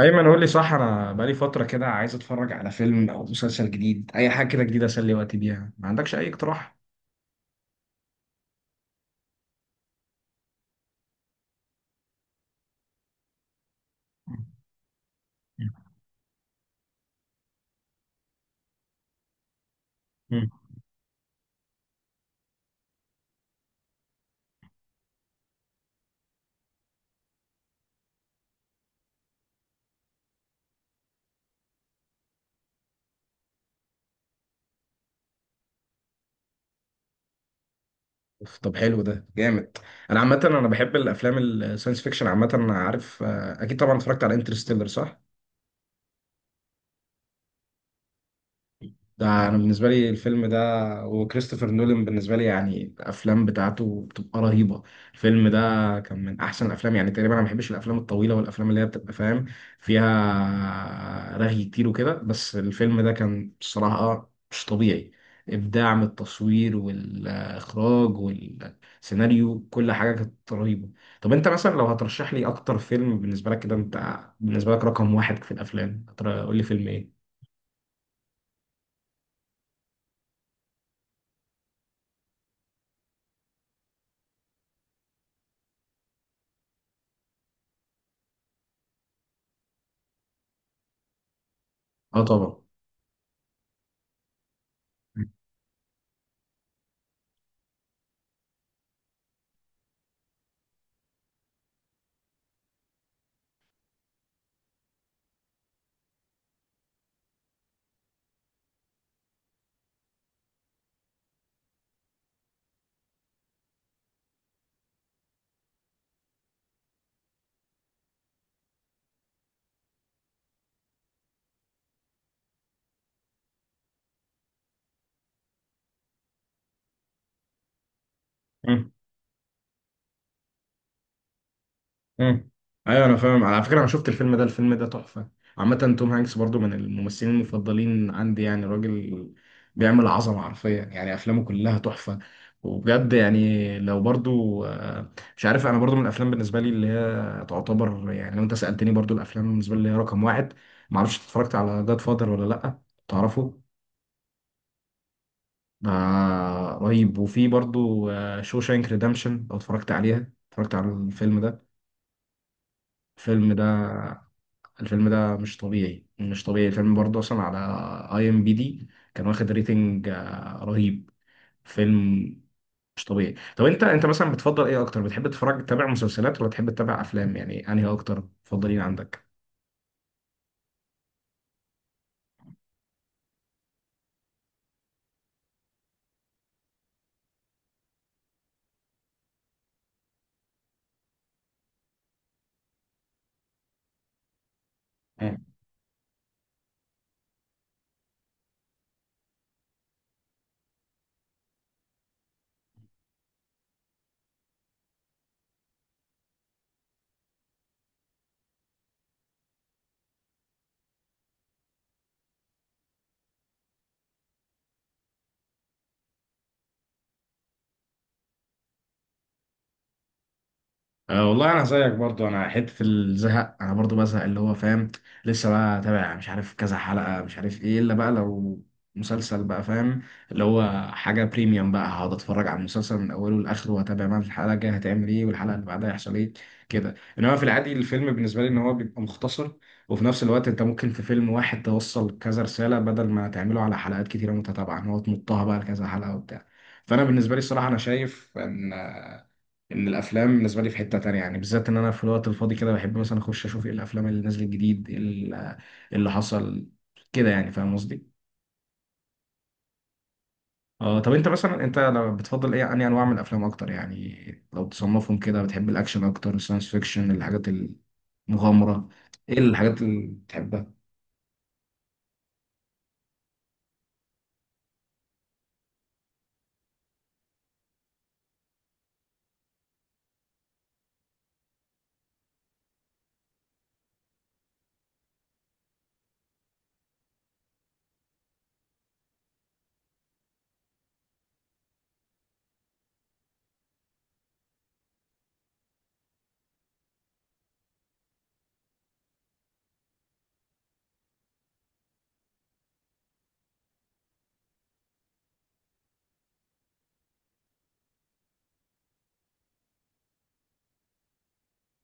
ايمن، قول لي صح، انا بقالي فتره كده عايز اتفرج على فيلم او مسلسل جديد، اي حاجه كده جديده اسلي وقتي بيها. ما عندكش اي اقتراح؟ مم. أوف، طب حلو، ده جامد. انا عامه انا بحب الافلام الساينس فيكشن. عامه انا عارف، اكيد طبعا اتفرجت على انترستيلر، صح؟ ده انا بالنسبه لي الفيلم ده. وكريستوفر نولان بالنسبه لي يعني الافلام بتاعته بتبقى رهيبه. الفيلم ده كان من احسن الافلام يعني تقريبا. انا ما بحبش الافلام الطويله والافلام اللي هي بتبقى، فاهم، فيها رغي كتير وكده. بس الفيلم ده كان بصراحه مش طبيعي. ابداع من التصوير والاخراج والسيناريو، كل حاجه كانت رهيبه. طب انت مثلا لو هترشح لي اكتر فيلم بالنسبه لك كده، انت بالنسبه لك رقم واحد في الافلام، قول لي فيلم ايه؟ اه طبعا. امم. ايوه انا فاهم. على فكره انا شفت الفيلم ده، الفيلم ده تحفه. عامه توم هانكس برضو من الممثلين المفضلين عندي، يعني راجل بيعمل عظمه حرفيا، يعني افلامه كلها تحفه. وبجد يعني لو برضو مش عارف، انا برضو من الافلام بالنسبه لي اللي هي تعتبر، يعني لو انت سالتني برضو الافلام بالنسبه لي اللي هي رقم واحد. معرفش اتفرجت على جاد فادر ولا لا. تعرفه؟ ده رهيب. وفي برضو شوشانك ريدمشن، لو اتفرجت عليها، اتفرجت على الفيلم ده؟ الفيلم ده الفيلم ده مش طبيعي، مش طبيعي. الفيلم برضه اصلا على IMDB كان واخد ريتنج رهيب. فيلم مش طبيعي. طب انت مثلا بتفضل ايه اكتر؟ بتحب تتفرج، تتابع مسلسلات ولا تحب تتابع افلام؟ يعني انهي اكتر بتفضلين عندك؟ أه والله انا زيك برضو، انا حته الزهق انا برضو بزهق، اللي هو فاهم. لسه بقى تابع مش عارف كذا حلقه، مش عارف ايه. الا بقى لو مسلسل بقى، فاهم، اللي هو حاجه بريميوم بقى، هقعد اتفرج على المسلسل من اوله لاخره واتابع بقى الحلقه الجايه هتعمل ايه والحلقه اللي بعدها هيحصل ايه كده. انما في العادي الفيلم بالنسبه لي ان هو بيبقى مختصر، وفي نفس الوقت انت ممكن في فيلم واحد توصل كذا رساله، بدل ما تعمله على حلقات كتيره متتابعه ان هو تمطها بقى لكذا حلقه وبتاع. فانا بالنسبه لي الصراحه انا شايف ان الافلام بالنسبه لي في حته تانية، يعني بالذات ان انا في الوقت الفاضي كده بحب مثلا اخش اشوف ايه الافلام اللي نازله جديد. إيه إيه اللي حصل كده، يعني فاهم قصدي. اه طب انت مثلا، انت لو بتفضل ايه؟ انهي انواع من الافلام اكتر، يعني لو تصنفهم كده، بتحب الاكشن اكتر، الساينس فيكشن، الحاجات المغامره، ايه الحاجات اللي بتحبها؟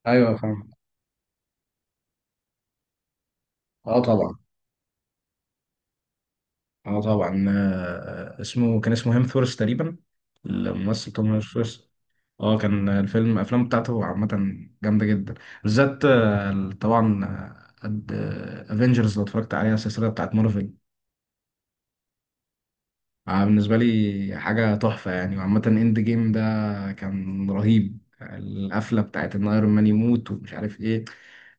ايوه فاهم. اه طبعا. اه طبعا، اسمه كان اسمه هيمثورث تقريبا. الممثل توم هيمثورث. اه كان الفيلم، الافلام بتاعته عامه جامده جدا. بالذات طبعا افنجرز، لو اتفرجت عليها السلسله بتاعت مارفل، بالنسبة لي حاجة تحفة يعني. وعامة اند جيم ده كان رهيب، القفلة بتاعت ان ايرون مان يموت ومش عارف ايه.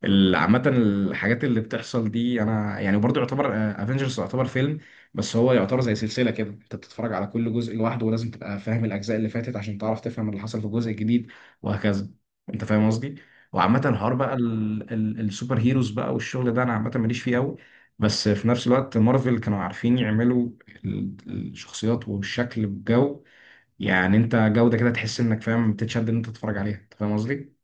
عامة الحاجات اللي بتحصل دي، انا يعني برضو يعتبر افنجرز يعتبر فيلم. بس هو يعتبر زي سلسلة كده، انت بتتفرج على كل جزء لوحده، ولازم تبقى فاهم الاجزاء اللي فاتت عشان تعرف تفهم اللي حصل في الجزء الجديد، وهكذا. انت فاهم قصدي؟ وعامة الحوار بقى السوبر هيروز بقى والشغل ده، انا عامة ماليش فيه قوي. بس في نفس الوقت مارفل كانوا عارفين يعملوا الشخصيات والشكل والجو، يعني انت جودة كده تحس انك فاهم، بتتشد ان انت تتفرج عليها. انت فاهم قصدي؟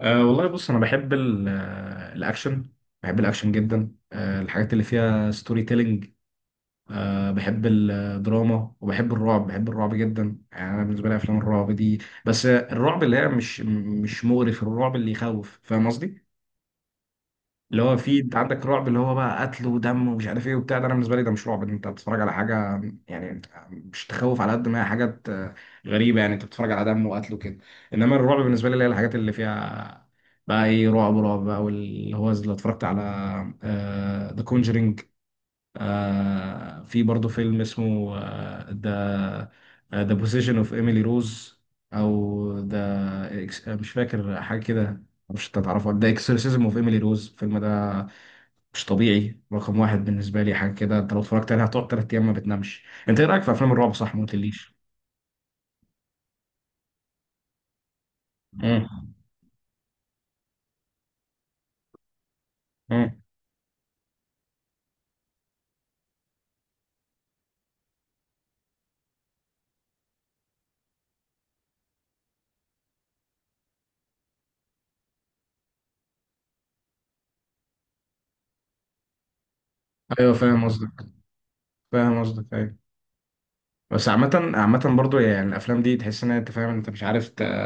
أه والله بص، انا بحب الاكشن. بحب الاكشن جدا. أه الحاجات اللي فيها ستوري تيلينج، أه بحب الدراما، وبحب الرعب. بحب الرعب جدا، يعني انا بالنسبه لي افلام الرعب دي. بس الرعب اللي هي مش مغري، في الرعب اللي يخوف، فاهم قصدي؟ اللي هو فيه انت عندك رعب اللي هو بقى قتل ودم ومش عارف ايه وبتاع، ده انا بالنسبه لي ده مش رعب، انت بتتفرج على حاجه يعني مش تخوف، على قد ما هي حاجات غريبه، يعني انت بتتفرج على دم وقتل وكده. انما الرعب بالنسبه لي اللي هي الحاجات اللي فيها بقى ايه، رعب رعب بقى، واللي هو لو اتفرجت على ذا كونجرينج. في برضه فيلم اسمه ذا ذا بوسيشن اوف ايميلي روز، او ذا مش فاكر حاجه كده، مش هتعرفه، ذا اكسورسيزم اوف ايميلي روز. الفيلم ده مش طبيعي، رقم واحد بالنسبة لي، حاجة كده انت لو اتفرجت عليها هتقعد 3 أيام ما بتنامش. انت ايه رأيك في أفلام الرعب؟ صح ما قلتليش. مم. مم. ايوه فاهم قصدك، فاهم قصدك، ايوه. بس عامة، عامة برضو يعني الأفلام دي تحس إن أنت فاهم، أنت مش عارف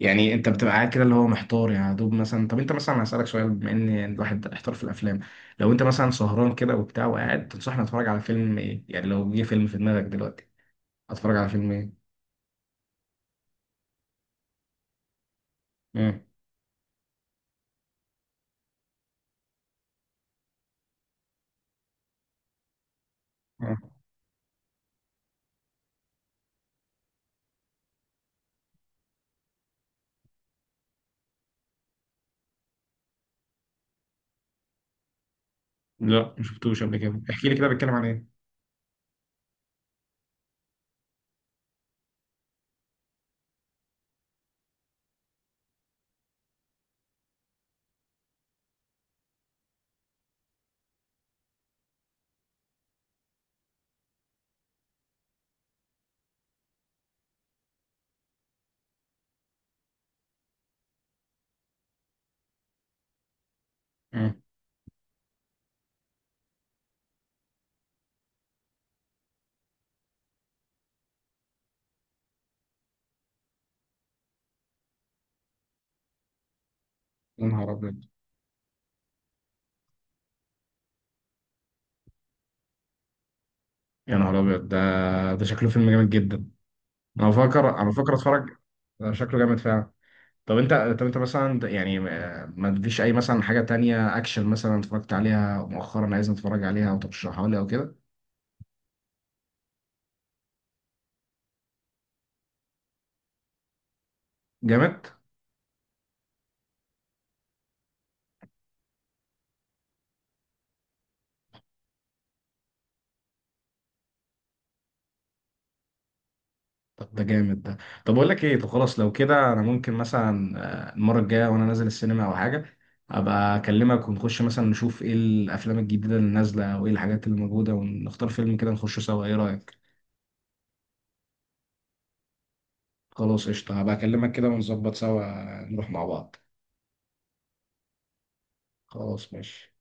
يعني أنت بتبقى قاعد كده اللي هو محتار، يعني يا دوب مثلا. طب أنت مثلا هسألك سؤال، بما إن يعني الواحد احتار في الأفلام، لو أنت مثلا سهران كده وبتاع وقاعد، تنصحني أتفرج على فيلم إيه؟ يعني لو جه فيلم في دماغك دلوقتي، أتفرج على فيلم إيه؟ مم. مم. لا مشفتوش قبل كده. احكي لي كده، بيتكلم عن إيه؟ يا نهار ابيض، يا نهار ابيض، ده ده شكله فيلم جامد جدا. انا بفكر، اتفرج ده شكله جامد فعلا. طب انت طب انت مثلا يعني، ما تديش اي مثلا حاجه تانية اكشن مثلا اتفرجت عليها مؤخرا، عايز اتفرج عليها او ترشحها لي او كده. جامد. طب ده جامد ده. طب اقول لك ايه، طب خلاص لو كده انا ممكن مثلا المره الجايه وانا نازل السينما او حاجه، ابقى اكلمك ونخش مثلا نشوف ايه الافلام الجديده اللي نازله وايه الحاجات اللي موجوده، ونختار فيلم كده نخشه سوا، ايه رايك؟ خلاص قشطة، هبقى أكلمك كده ونظبط سوا، نروح مع بعض. خلاص ماشي.